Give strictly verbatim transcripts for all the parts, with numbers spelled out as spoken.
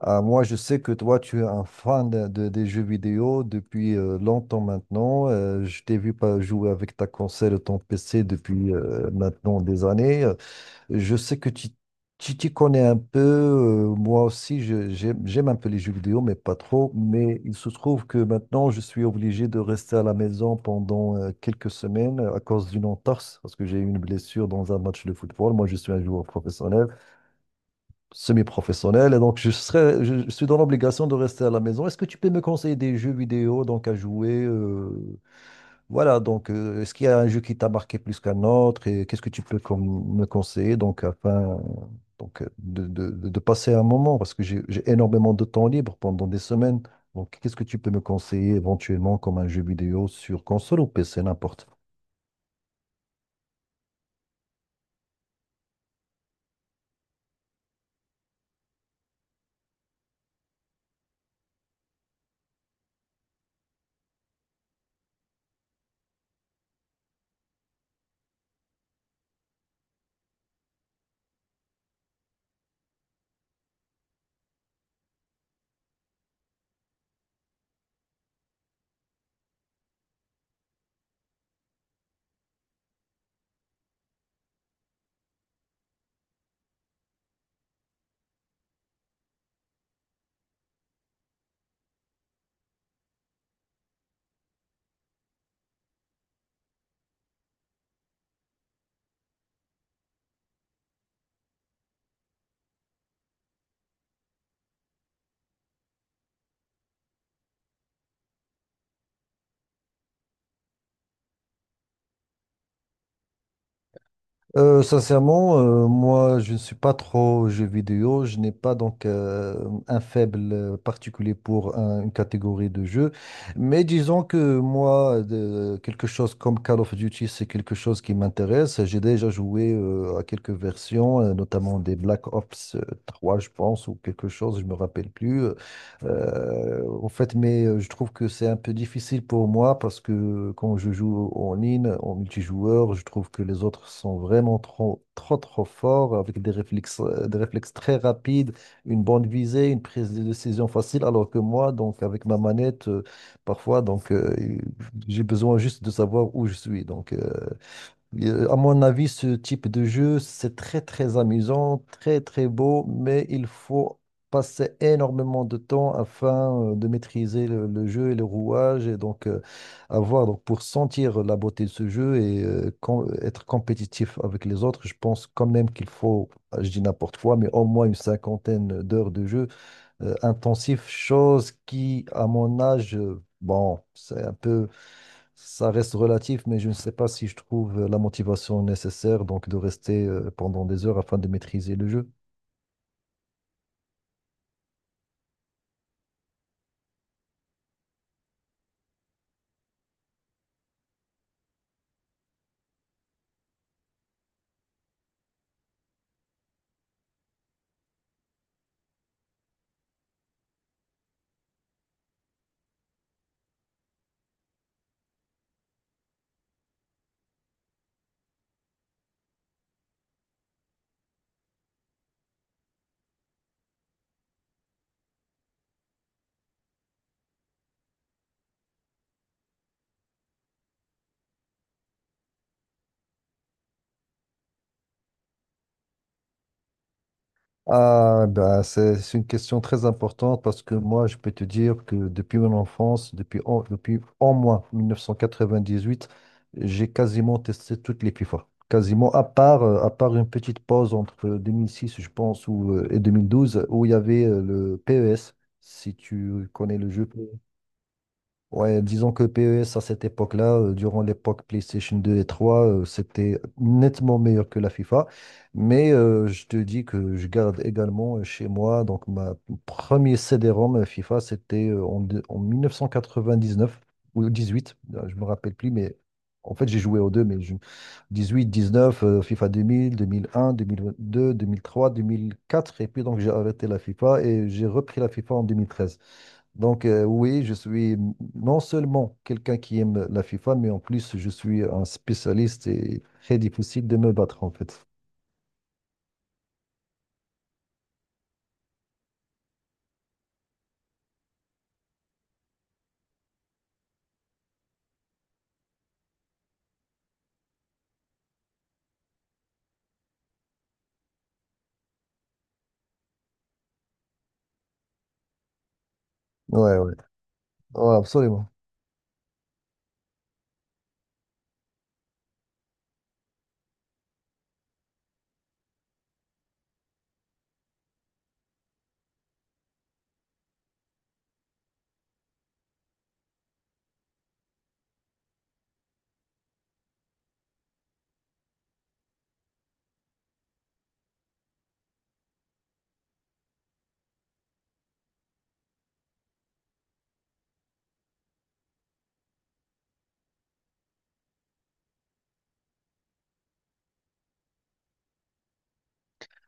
Ah, moi, je sais que toi, tu es un fan de, de- des jeux vidéo depuis euh, longtemps maintenant. Euh, je t'ai vu pas jouer avec ta console et ton P C depuis euh, maintenant des années. Euh, Je sais que tu tu t'y connais un peu. Euh, moi aussi, je- j'aime j'aime un peu les jeux vidéo, mais pas trop. Mais il se trouve que maintenant, je suis obligé de rester à la maison pendant euh, quelques semaines à cause d'une entorse, parce que j'ai eu une blessure dans un match de football. Moi, je suis un joueur professionnel, semi-professionnel, et donc je serais, je, je suis dans l'obligation de rester à la maison. Est-ce que tu peux me conseiller des jeux vidéo donc à jouer, euh, voilà donc euh, est-ce qu'il y a un jeu qui t'a marqué plus qu'un autre et qu'est-ce que tu peux comme- me conseiller donc afin donc euh, de, de- de- de passer un moment parce que j'ai j'ai énormément de temps libre pendant des semaines. Donc qu'est-ce que tu peux me conseiller éventuellement comme un jeu vidéo sur console ou P C, n'importe. Euh, sincèrement, euh, moi, je ne suis pas trop aux jeux vidéo. Je n'ai pas donc euh, un faible euh, particulier pour un- une catégorie de jeux. Mais disons que moi, de- quelque chose comme Call of Duty, c'est quelque chose qui m'intéresse. J'ai déjà joué euh, à quelques versions, euh, notamment des Black Ops euh, trois, je pense, ou quelque chose, je me rappelle plus. Euh, euh, en fait, mais euh, je trouve que c'est un peu difficile pour moi parce que quand je joue en ligne, en multijoueur, je trouve que les autres sont vraiment trop, trop, trop forts avec des réflexes, euh, des réflexes très rapides, une bonne visée, une prise de décision facile, alors que moi, donc avec ma manette, euh, parfois, donc euh, j'ai besoin juste de savoir où je suis. Donc, euh, euh, À mon avis, ce type de jeu, c'est très très amusant, très très beau, mais il faut passer énormément de temps afin euh, de maîtriser le, le jeu et le rouage et donc euh, avoir donc pour sentir la beauté de ce jeu et euh, com- être compétitif avec les autres. Je pense quand même qu'il faut, euh, je dis n'importe quoi, mais au moins une cinquantaine d'heures de jeu euh, intensif, chose qui, à mon âge, euh, bon, c'est un peu, ça reste relatif, mais je ne sais pas si je trouve la motivation nécessaire donc de rester euh, pendant des heures afin de maîtriser le jeu. Ah, bah, c'est c'est une question très importante parce que moi, je peux te dire que depuis mon enfance, depuis en, depuis au moins mille neuf cent quatre-vingt-dix-huit, j'ai quasiment testé toutes les FIFA. Quasiment, à part, euh, à part une petite pause entre deux mille six, je pense, ou, euh, et deux mille douze, où il y avait euh, le P E S, si tu connais le jeu. Ouais, disons que P E S à cette époque-là, euh, durant l'époque PlayStation deux et trois, euh, c'était nettement meilleur que la FIFA. Mais euh, je te dis que je garde également euh, chez moi, donc ma premier C D-ROM FIFA, c'était euh, en, deux- en mille neuf cent quatre-vingt-dix-neuf ou dix-huit, euh, je me rappelle plus, mais en fait j'ai joué aux deux, mais je- dix-huit, dix-neuf, euh, FIFA deux deux deux deux, deux mille, mille mille un, mille trois, deux mille quatre et puis donc j'ai arrêté la FIFA et j'ai repris la FIFA en deux mille treize. Donc, euh, oui, je suis non seulement quelqu'un qui aime la FIFA, mais en plus, je suis un spécialiste et très difficile de me battre, en fait. Ouais, ouais. Ouais, absolument.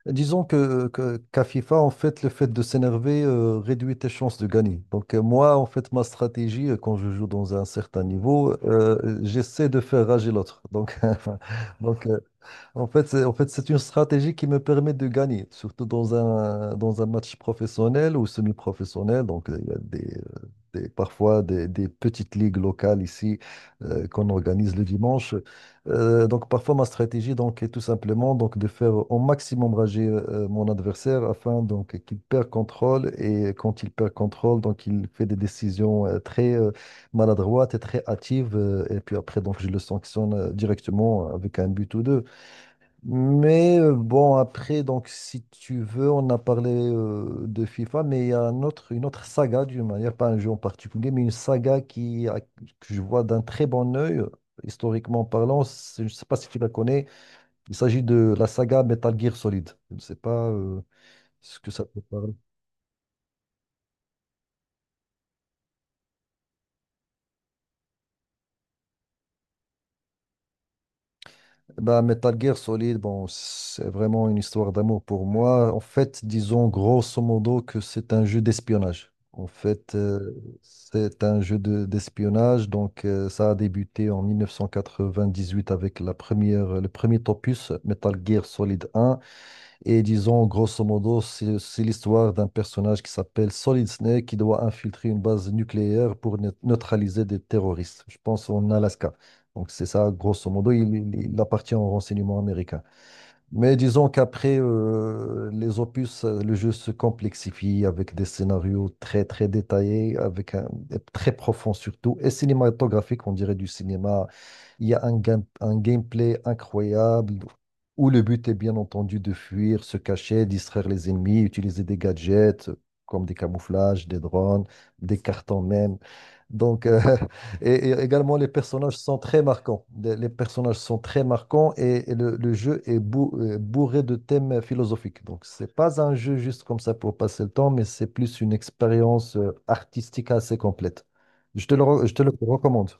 Disons que, que- qu'à FIFA, en fait, le fait de s'énerver euh, réduit tes chances de gagner. Donc, euh, moi, en fait, ma stratégie, euh, quand je joue dans un certain niveau, euh, j'essaie de faire rager l'autre. Donc, donc euh, en fait, c'est, en fait, c'est une stratégie qui me permet de gagner, surtout dans un, dans un match professionnel ou semi-professionnel. Donc, il y a des, euh, des- parfois des, des petites ligues locales ici euh, qu'on organise le dimanche. Euh, donc, parfois, ma stratégie donc, est tout simplement donc, de faire au maximum rager euh, mon adversaire afin donc, qu'il perd contrôle. Et quand il perd contrôle, donc, il fait des décisions euh, très euh, maladroites et très hâtives. Euh, et puis après, donc, je le sanctionne euh, directement euh, avec un but ou deux. Mais euh, bon, après, donc, si tu veux, on a parlé euh, de FIFA, mais il y a un autre, une autre saga, d'une manière, pas un jeu en particulier, mais une saga qui, a- que je vois d'un très bon œil, euh, historiquement parlant. c'est- Je ne sais pas si tu la connais. Il s'agit de la saga Metal Gear Solid. Je ne sais pas euh, ce que ça peut. Bah, Metal Gear Solid, bon, c'est vraiment une histoire d'amour pour moi. En fait, disons grosso modo que c'est un jeu d'espionnage. En fait, euh, c'est un jeu de- d'espionnage. Donc, euh, ça a débuté en mille neuf cent quatre-vingt-dix-huit avec la première, le premier opus, Metal Gear Solid un. Et disons, grosso modo, c'est c'est l'histoire d'un personnage qui s'appelle Solid Snake qui doit infiltrer une base nucléaire pour neu- neutraliser des terroristes, je pense en Alaska. Donc c'est ça, grosso modo, il, il- il appartient au renseignement américain. Mais disons qu'après euh, les opus, euh, le jeu se complexifie avec des scénarios très très détaillés, avec un, très profond surtout, et cinématographique, on dirait du cinéma. Il y a un, game- un gameplay incroyable où le but est bien entendu de fuir, se cacher, distraire les ennemis, utiliser des gadgets comme des camouflages, des drones, des cartons même. Donc, euh, et, et également, les personnages sont très marquants. Les, les personnages sont très marquants et, et le, le jeu est bou- euh, bourré de thèmes philosophiques. Donc, c'est pas un jeu juste comme ça pour passer le temps, mais c'est plus une expérience euh, artistique assez complète. Je te le, re- je te le recommande.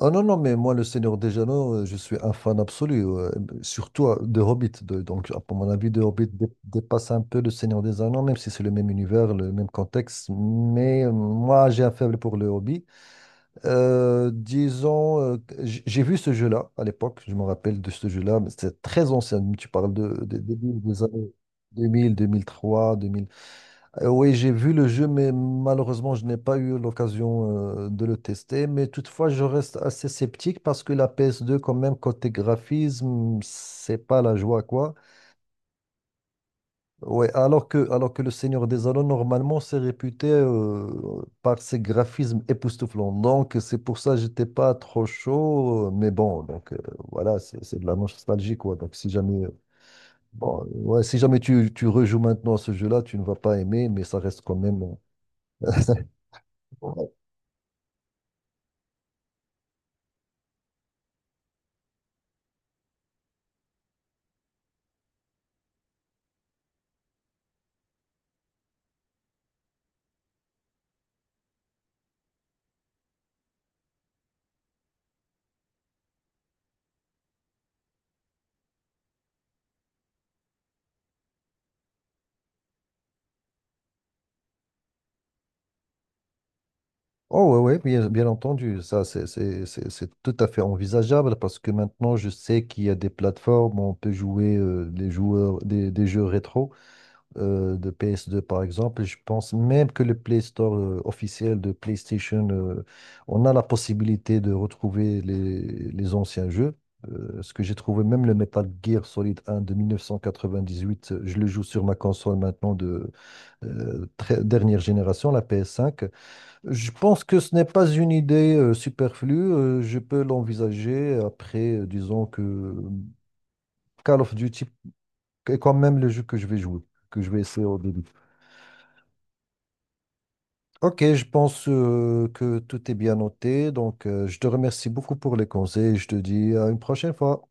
Ah non, non, mais moi, le Seigneur des Anneaux, euh, je suis un fan absolu, euh, surtout euh, de Hobbit. De- donc, à mon avis, de Hobbit dé- dépasse un peu le Seigneur des Anneaux, même si c'est le même univers, le même contexte. Mais euh, moi, j'ai un faible pour le Hobbit. Euh, disons, euh, que j- j'ai vu ce jeu-là à l'époque, je me rappelle de ce jeu-là, mais c'est très ancien. Tu parles de, de- des années deux mille, années deux mille, deux mille trois. euh, Oui, j'ai vu le jeu, mais malheureusement, je n'ai pas eu l'occasion euh, de le tester. Mais toutefois, je reste assez sceptique parce que la P S deux, quand même, côté graphisme, c'est pas la joie, quoi. Ouais, alors que, alors que le Seigneur des Anneaux, normalement, c'est réputé euh, par ses graphismes époustouflants. Donc, c'est pour ça que j'étais pas trop chaud. euh, Mais bon, donc euh, voilà, c'est c'est de la nostalgie, quoi. Donc, si jamais, euh, bon, ouais, si jamais tu, tu rejoues maintenant à ce jeu-là, tu ne vas pas aimer, mais ça reste quand même. euh, bon, Oh oui, bien, bien entendu, ça c'est c'est- c'est- c'est tout à fait envisageable parce que maintenant je sais qu'il y a des plateformes où on peut jouer euh, les joueurs, des, des jeux rétro euh, de P S deux par exemple. Je pense même que le Play Store euh, officiel de PlayStation, euh, on a la possibilité de retrouver les, les anciens jeux. Euh, ce que j'ai trouvé, même le Metal Gear Solid un de mille neuf cent quatre-vingt-dix-huit, je le joue sur ma console maintenant de euh, très- dernière génération, la P S cinq. Je pense que ce n'est pas une idée euh, superflue. Euh, je peux l'envisager après, euh, disons que euh, Call of Duty est quand même le jeu que je vais jouer, que je vais essayer au début. Ok, je pense euh, que tout est bien noté. Donc, euh, je te remercie beaucoup pour les conseils. Je te dis à une prochaine fois.